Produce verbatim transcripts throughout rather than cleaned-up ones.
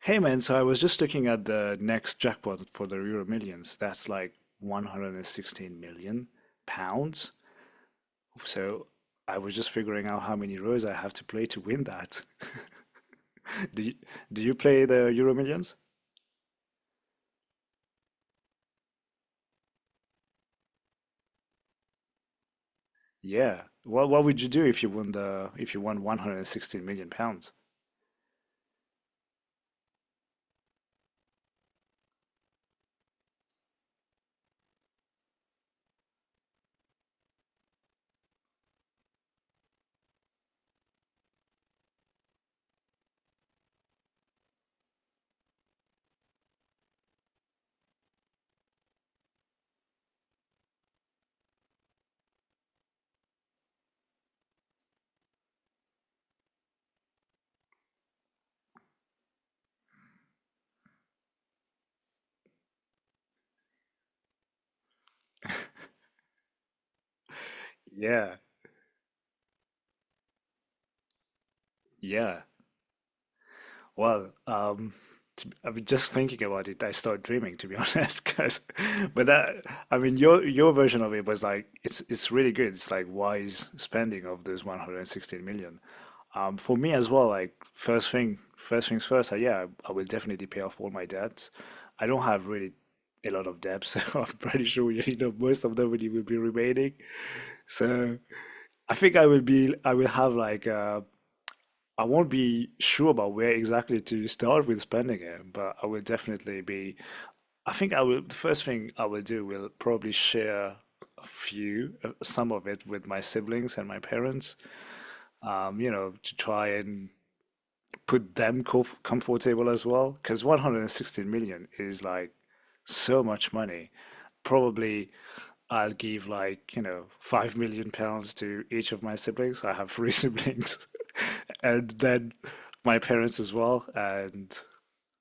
Hey man, so I was just looking at the next jackpot for the Euro Millions. That's like one hundred sixteen million pounds. So I was just figuring out how many rows I have to play to win that. Do you, do you play the Euro Millions? Yeah. What what would you do if you won the if you won one hundred sixteen million pounds? Yeah. Yeah. Well, um, to, I mean, just thinking about it, I start dreaming, to be honest. Because, but that, I mean, your your version of it was like it's it's really good. It's like wise spending of those 116 million. Um, for me as well, like first thing, first things first. I, yeah, I will definitely pay off all my debts. I don't have really a lot of debts. So I'm pretty sure you know most of them really will be remaining. So I think I will be, I will have like uh, I won't be sure about where exactly to start with spending it, but I will definitely be. I think I will. The first thing I will do will probably share a few, uh, some of it with my siblings and my parents, um, you know, to try and put them comf comfortable as well. Because 116 million is like so much money. Probably I'll give like, you know, five million pounds to each of my siblings. I have three siblings. And then my parents as well. And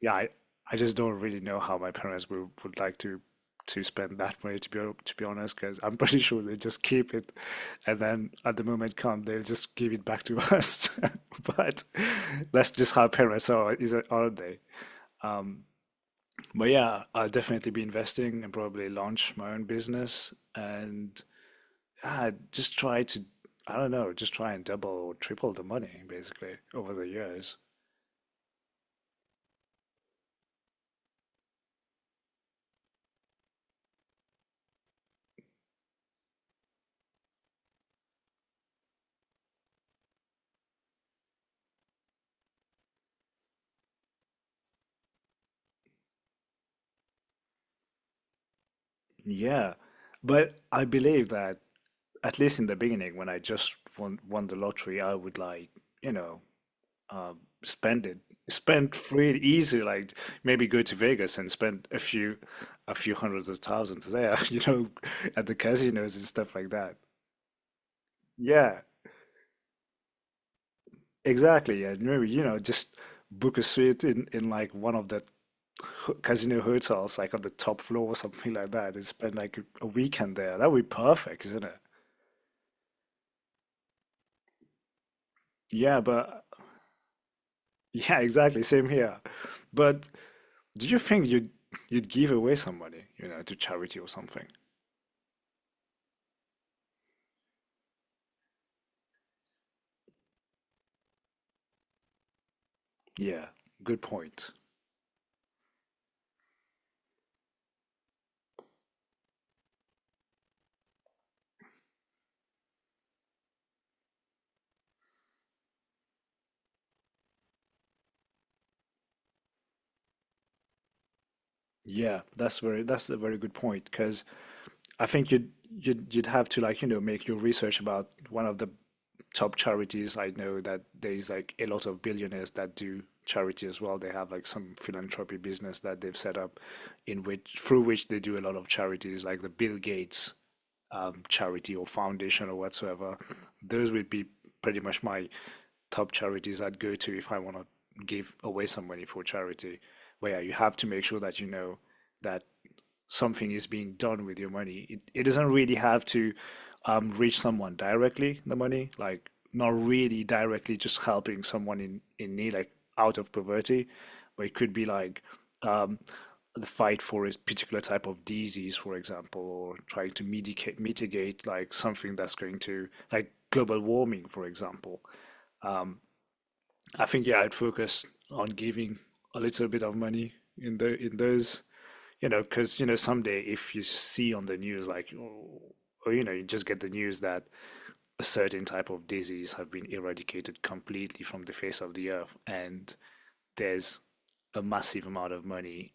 yeah, I, I just don't really know how my parents would, would like to to spend that money to be to be honest, because I'm pretty sure they just keep it, and then at the moment come they'll just give it back to us. But that's just how parents are, is it, aren't they? But yeah, I'll definitely be investing and probably launch my own business. And Ah, just try to, I don't know, just try and double or triple the money basically over the years. Yeah. But I believe that at least in the beginning, when I just won, won the lottery, I would like, you know, uh, spend it, spend free, easy, like maybe go to Vegas and spend a few, a few hundreds of thousands there. You know, at the casinos and stuff like that. Yeah, exactly. And maybe, you know, just book a suite in in like one of the casino hotels, like on the top floor or something like that, and spend like a weekend there. That would be perfect, isn't it? Yeah, but yeah, exactly. Same here. But do you think you'd you'd give away some money, you know, to charity or something? Yeah, good point. Yeah, that's very that's a very good point because I think you'd you'd you'd have to like, you know, make your research about one of the top charities. I know that there's like a lot of billionaires that do charity as well. They have like some philanthropy business that they've set up in which through which they do a lot of charities like the Bill Gates um, charity or foundation or whatsoever. Those would be pretty much my top charities I'd go to if I want to give away some money for charity. Where you have to make sure that you know that something is being done with your money. It, it doesn't really have to um, reach someone directly, the money, like not really directly, just helping someone in, in need, like out of poverty, but it could be like um, the fight for a particular type of disease, for example, or trying to mitigate, mitigate like something that's going to, like global warming, for example. I think, yeah, I'd focus on giving a little bit of money in the in those, you know, because, you know, someday if you see on the news, like, oh, or, you know, you just get the news that a certain type of disease have been eradicated completely from the face of the earth, and there's a massive amount of money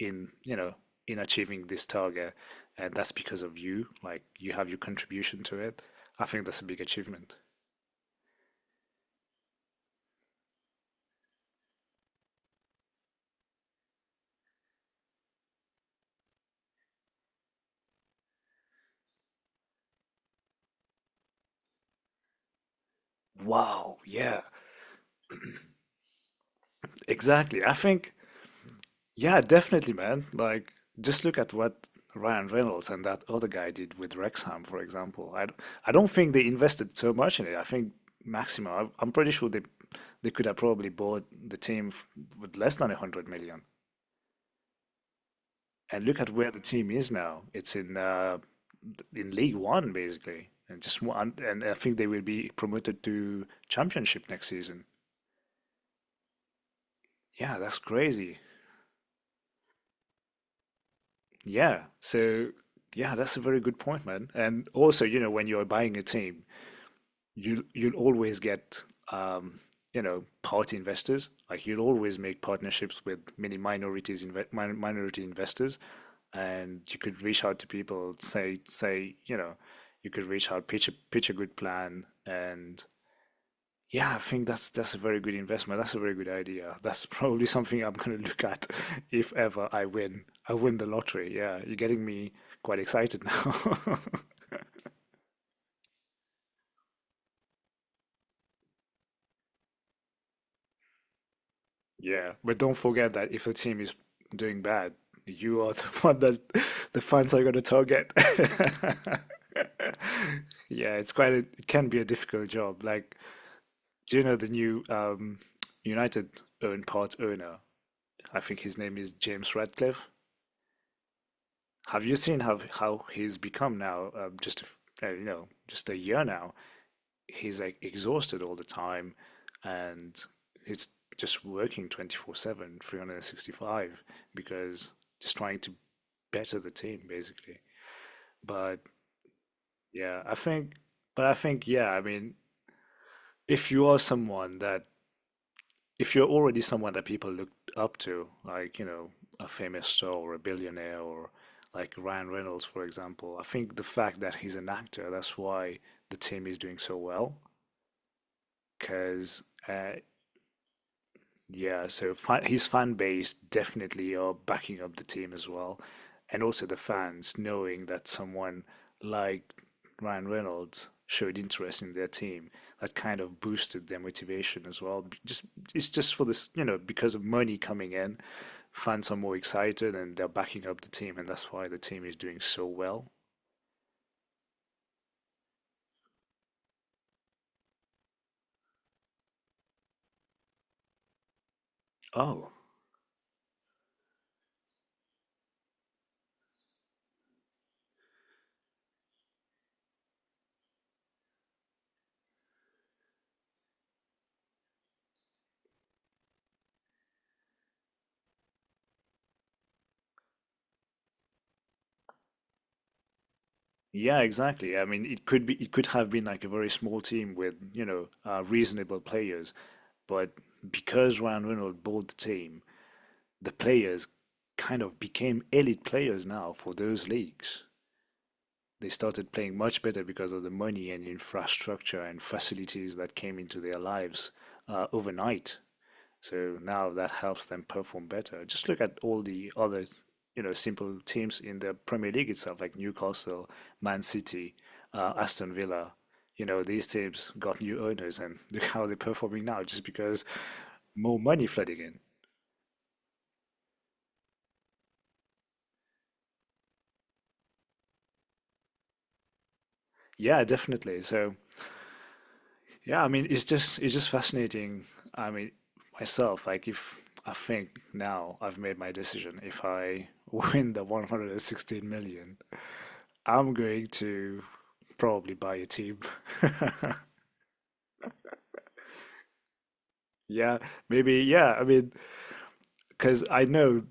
in, you know, in achieving this target, and that's because of you, like, you have your contribution to it. I think that's a big achievement. Wow, yeah. Exactly. I think. Yeah, definitely, man. Like, just look at what Ryan Reynolds and that other guy did with Wrexham, for example. I, d- I don't think they invested so much in it. I think maximum, I, I'm pretty sure they they could have probably bought the team f with less than one hundred million. And look at where the team is now. It's in uh, in League One, basically, and just one. And I think they will be promoted to Championship next season. Yeah, that's crazy. Yeah. So yeah, that's a very good point, man. And also, you know, when you're buying a team, you you'll always get um, you know, party investors. Like you'll always make partnerships with many minorities inve min minority investors, and you could reach out to people, say say, you know, you could reach out, pitch a pitch a good plan, and yeah, I think that's that's a very good investment. That's a very good idea. That's probably something I'm going to look at if ever I win. I win the lottery. Yeah, you're getting me quite excited now. Yeah, but don't forget that if the team is doing bad, you are the one that the fans are going to target. Yeah, it's quite a, it can be a difficult job. Like, do you know the new um, United own part owner? I think his name is James Radcliffe. Have you seen how how he's become now? Uh, just a f- uh, you know, just a year now. He's like exhausted all the time, and he's just working twenty-four seven, three hundred sixty-five, because just trying to better the team basically. But yeah, I think, but I think yeah, I mean, if you are someone that if you're already someone that people look up to, like, you know, a famous star or a billionaire or like Ryan Reynolds, for example. I think the fact that he's an actor, that's why the team is doing so well. Because uh, yeah, so fan, his fan base definitely are backing up the team as well. And also the fans knowing that someone like Ryan Reynolds showed interest in their team. That kind of boosted their motivation as well. B- Just it's just for this, you know, because of money coming in, fans are more excited and they're backing up the team, and that's why the team is doing so well. Oh, yeah, exactly. I mean, it could be it could have been like a very small team with, you know, uh, reasonable players. But because Ryan Reynolds bought the team, the players kind of became elite players now for those leagues. They started playing much better because of the money and infrastructure and facilities that came into their lives uh, overnight. So now that helps them perform better. Just look at all the other, you know, simple teams in the Premier League itself, like Newcastle, Man City, uh, Aston Villa. You know, these teams got new owners, and look how they're performing now just because more money flooded in. Yeah, definitely. So, yeah, I mean, it's just it's just fascinating. I mean, myself, like if I think now I've made my decision, if I win the 116 million, I'm going to probably buy a team. Yeah, maybe, yeah, I mean, because I know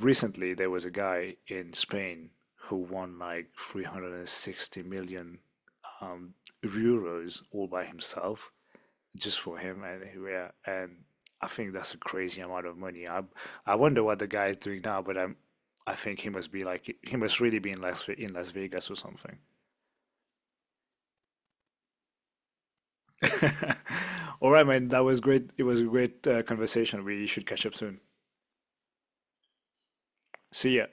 recently there was a guy in Spain who won like three hundred sixty million um, euros all by himself. Just for him and who- yeah, and I think that's a crazy amount of money. I I wonder what the guy is doing now, but I'm I think he must be like he must really be in Las Ve- in Las Vegas or something. All right, man, that was great. It was a great uh, conversation. We should catch up soon. See ya.